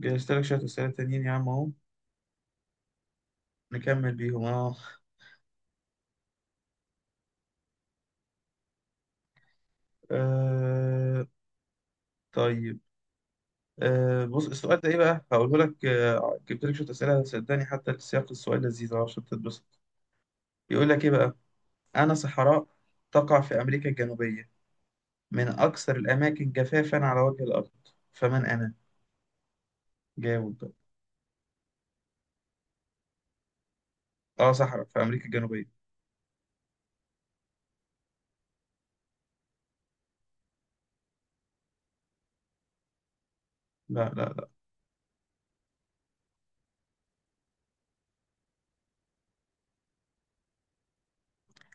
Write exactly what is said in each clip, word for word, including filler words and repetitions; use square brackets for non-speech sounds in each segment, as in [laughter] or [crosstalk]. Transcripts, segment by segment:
جهزت لك شوية أسئلة تانيين يا عم أهو نكمل بيهم أه. آه، طيب. آه بص، السؤال ده إيه بقى؟ هقوله لك. آه جبت لك شوية أسئلة، صدقني حتى سياق السؤال لذيذ أهو عشان تتبسط. يقول لك إيه بقى؟ أنا صحراء تقع في أمريكا الجنوبية، من أكثر الأماكن جفافا على وجه الأرض، فمن أنا؟ جاوب بقى. أه، صحراء في أمريكا الجنوبية. لا لا لا،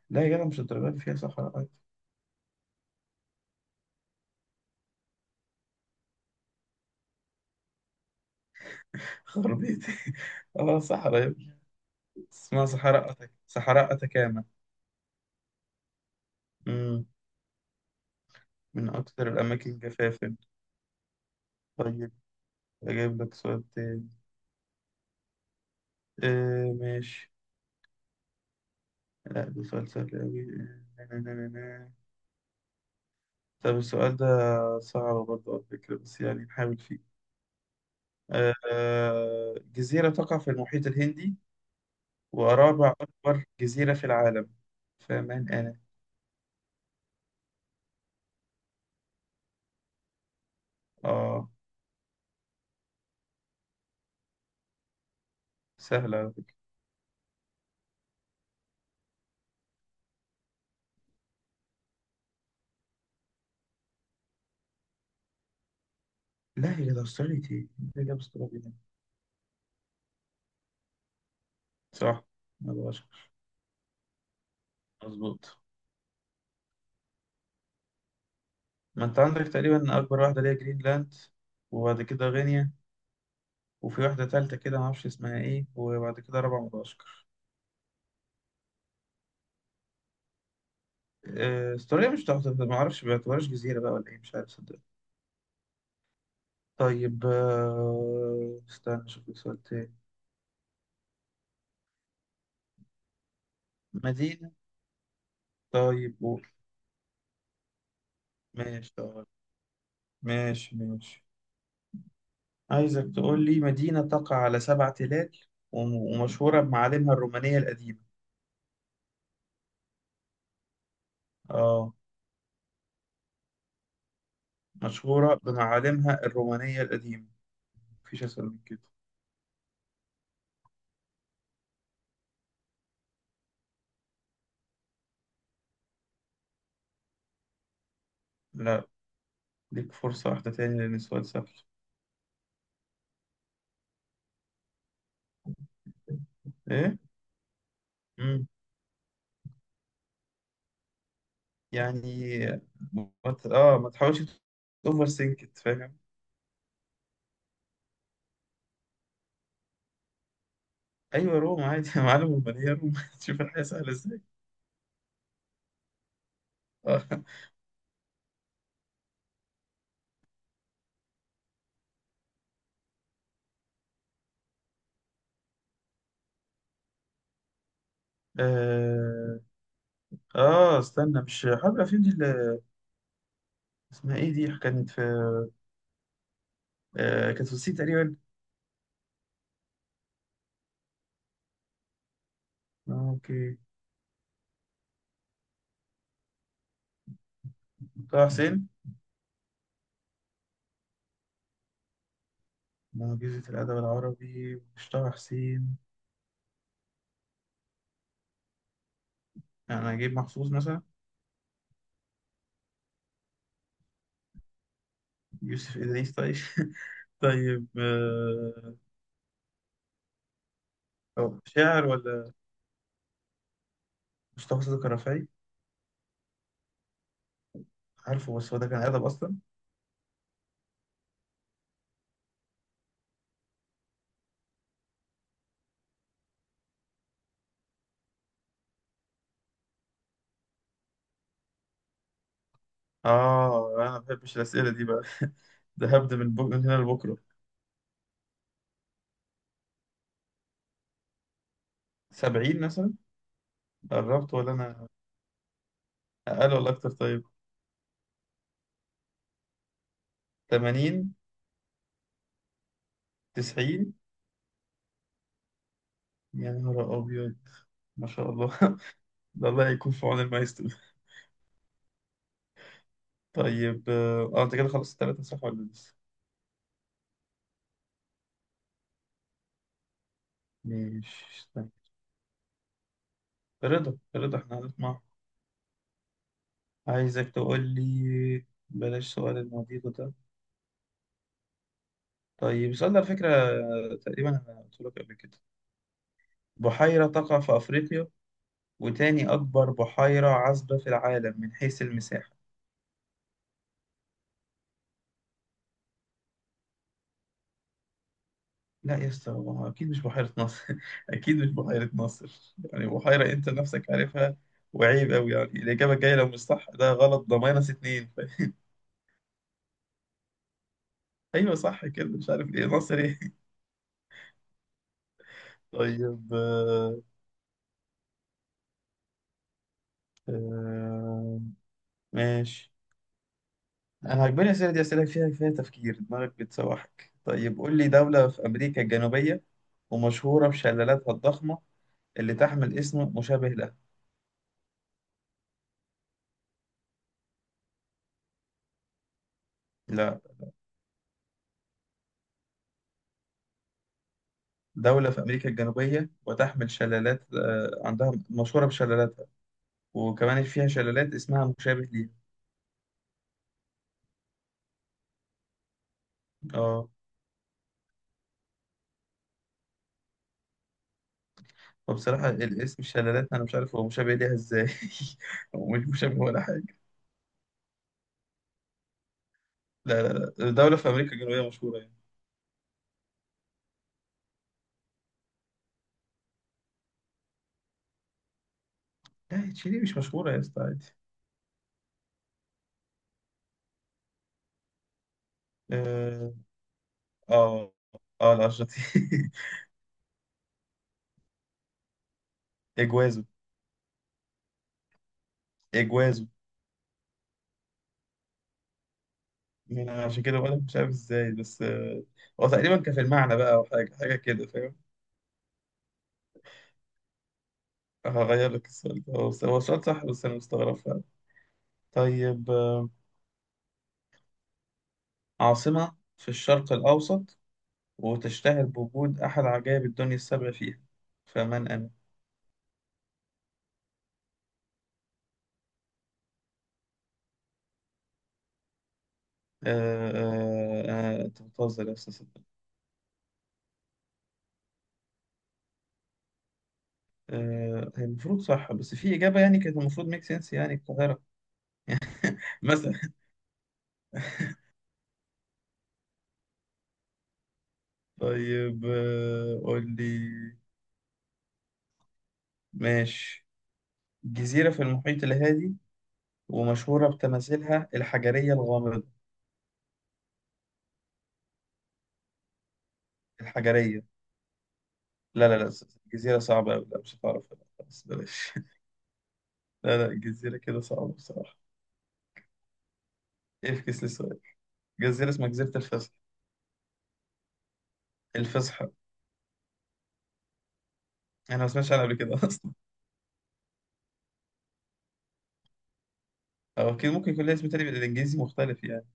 لا يا جدع مش الدرجة دي، فيها صحراء عادي. خربيتي. [laughs] أه صحراء يا ابني. اسمها صحراء أتك صحراء أتكاما. من أكثر الأماكن جفافا. طيب أجيب لك سؤال تاني. آه ماشي. لا ده سؤال سهل أوي. آه، نا- نا- نا- نا. طب السؤال ده صعب برضه على فكرة، بس يعني نحاول فيه. آه آه، جزيرة تقع في المحيط الهندي ورابع أكبر جزيرة في العالم، فمن أنا؟ آه سهلة على فكرة. لا، هي ده أستراليا إيه؟ إيه ده أستراليا دي؟ صح، مدغشقر. مظبوط. ما أنت عندك تقريبا أكبر واحدة اللي هي جرينلاند، وبعد كده غينيا، وفي واحدة تالتة كده معرفش اسمها ايه، وبعد كده رابعة مدغشقر. آه، استراليا مش تحت، معرفش بيعتبرهاش جزيرة بقى ولا ايه، مش عارف صدق. طيب آه، استنى اشوف لك سؤال تاني. مدينة. طيب قول. ماشي طيب. ماشي ماشي. عايزك تقول لي مدينة تقع على سبع تلال وم- ومشهورة بمعالمها الرومانية القديمة. اه مشهورة بمعالمها الرومانية القديمة، مفيش أسهل من كده. لا ليك فرصة واحدة تاني لأن السؤال سهل. ايه؟ يعني ما ت- اه ما تحاولش اوفر سينكت، فاهم. ايوه روما عادي. [laughs] يا معلم، امال هي روما. [laughs] تشوف الحياه سهله ازاي. اه. اه، آه، استنى، مش حرب الافلام دي اللي اسمها ايه، دي كانت في، آه كانت في الصين تقريبا. آه، اوكي. طه حسين. معجزة الأدب العربي مش طه حسين؟ أنا أجيب محفوظ مثلا. يوسف إدريس طيب. [laughs] طيب آه، أو شاعر ولا. مصطفى صدق الرفاعي. عارفه بس هو ده كان أدب أصلا. اه انا ما بحبش الاسئله دي بقى، ده هبدا من, بك... من هنا لبكره. سبعين مثلا. قربت ولا انا اقل ولا اكتر طيب. تمانين. تسعين. يا نهار ابيض، ما شاء الله. [laughs] ده الله يكون في عون المايسترو. طيب اه آه، انت كده خلصت الثلاثه صح ولا لسه. ماشي استنى. رضا رضا احنا هنسمع. عايزك تقول لي، بلاش سؤال المضيق ده. طيب السؤال ده على فكره آه، تقريبا انا قلت لك قبل كده. بحيره تقع في افريقيا وتاني أكبر بحيرة عذبة في العالم من حيث المساحة. لا يا اسطى، هو أكيد مش بحيرة ناصر. [laughs] أكيد مش بحيرة ناصر يعني، بحيرة أنت نفسك عارفها. وعيب أوي يعني، الإجابة الجاية لو مش صح ده غلط، ده ماينس اتنين. [laughs] أيوه صح كده، مش عارف إيه ناصر إيه. [laughs] طيب آه، آه، ماشي. أنا عجباني الأسئلة دي، أسئلة فيها فيها تفكير، دماغك بتسوحك. طيب قول لي، دولة في أمريكا الجنوبية ومشهورة بشلالاتها الضخمة اللي تحمل اسم مشابه له. لا. دولة في أمريكا الجنوبية وتحمل شلالات، آه، عندها مشهورة بشلالاتها، وكمان فيها شلالات اسمها مشابه ليها. اه. فبصراحة الاسم الشلالات أنا مش عارف هو مشابه ليها إزاي. [laughs] هو مش مشابه ولا حاجة. لا لا لا، دولة في أمريكا الجنوبية مشهورة يعني. لا، تشيلي مش مشهورة يا اسطى عادي. اه. اه، آه، الأرجنتين. [laughs] إجوازو. إجوازو. أنا عشان كده بقولك مش عارف إزاي، بس آه، هو تقريبا كان في المعنى بقى، أو حاجة حاجة كده، فاهم. هغير لك السؤال ده، هو هو السؤال صح، بس أنا مستغرب. طيب آه، عاصمة في الشرق الأوسط وتشتهر بوجود أحد عجائب الدنيا السبع فيها، فمن أنا؟ آه، آه، آه، أنت بتهزر يا أستاذ صدق. آه، هي المفروض صح، بس في إجابة يعني كانت المفروض ميك سنس، يعني القاهرة. [laughs] مثلا. طيب آه، قول لي. ماشي. جزيرة في المحيط الهادي ومشهورة بتماثيلها الحجرية الغامضة. الحجرية. لا لا لا، جزيرة صعبة أوي، لا مش هتعرف لا، خلاص بلاش. [laughs] لا لا، الجزيرة كده صعبة بصراحة، يفكس لي السؤال. جزيرة اسمها جزيرة الفصح. الفصحى. أنا ما سمعتش عنها قبل كده أصلا. [laughs] أو أكيد ممكن يكون لها اسم تاني بالإنجليزي مختلف يعني.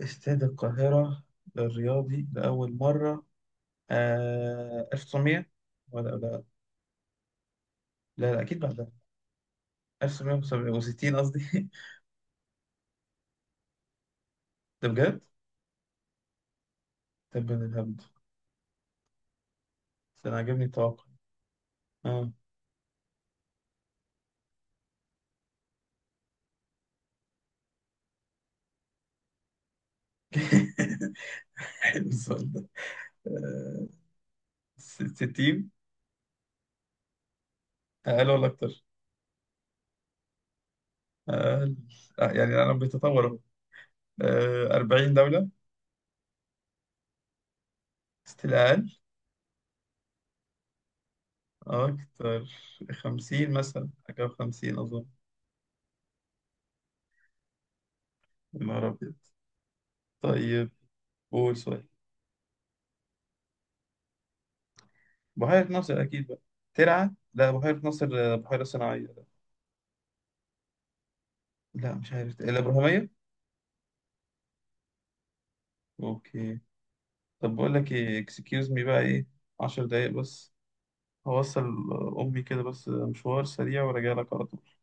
استاد القاهرة للرياضي لأول مرة. آه ألف وتسعمية، ولا لا. لا لا، أكيد بعدها. تسعتاشر ستين قصدي. [laughs] ده بجد؟ طب أنا الهبد. ده أنا عجبني التوقع. آه. [laughs] حلو السؤال ده. آه، س- ستين. أقل ولا أكتر؟ أقل. آه، يعني العالم بيتطور أهو. آه، أربعين دولة. ستيل. أكتر. خمسين مثلا، حاجة وخمسين أظن. يا نهار أبيض. طيب. قول سؤال. بحيرة ناصر أكيد بقى. ترعة؟ لا بحيرة ناصر آه، بحيرة صناعية. لا مش عارف، الأبراهيمية. أوكي. طب بقول لك إيه، إكسكيوز مي بقى إيه، عشر دقايق بس هوصل أمي كده بس، مشوار سريع وراجع لك على طول.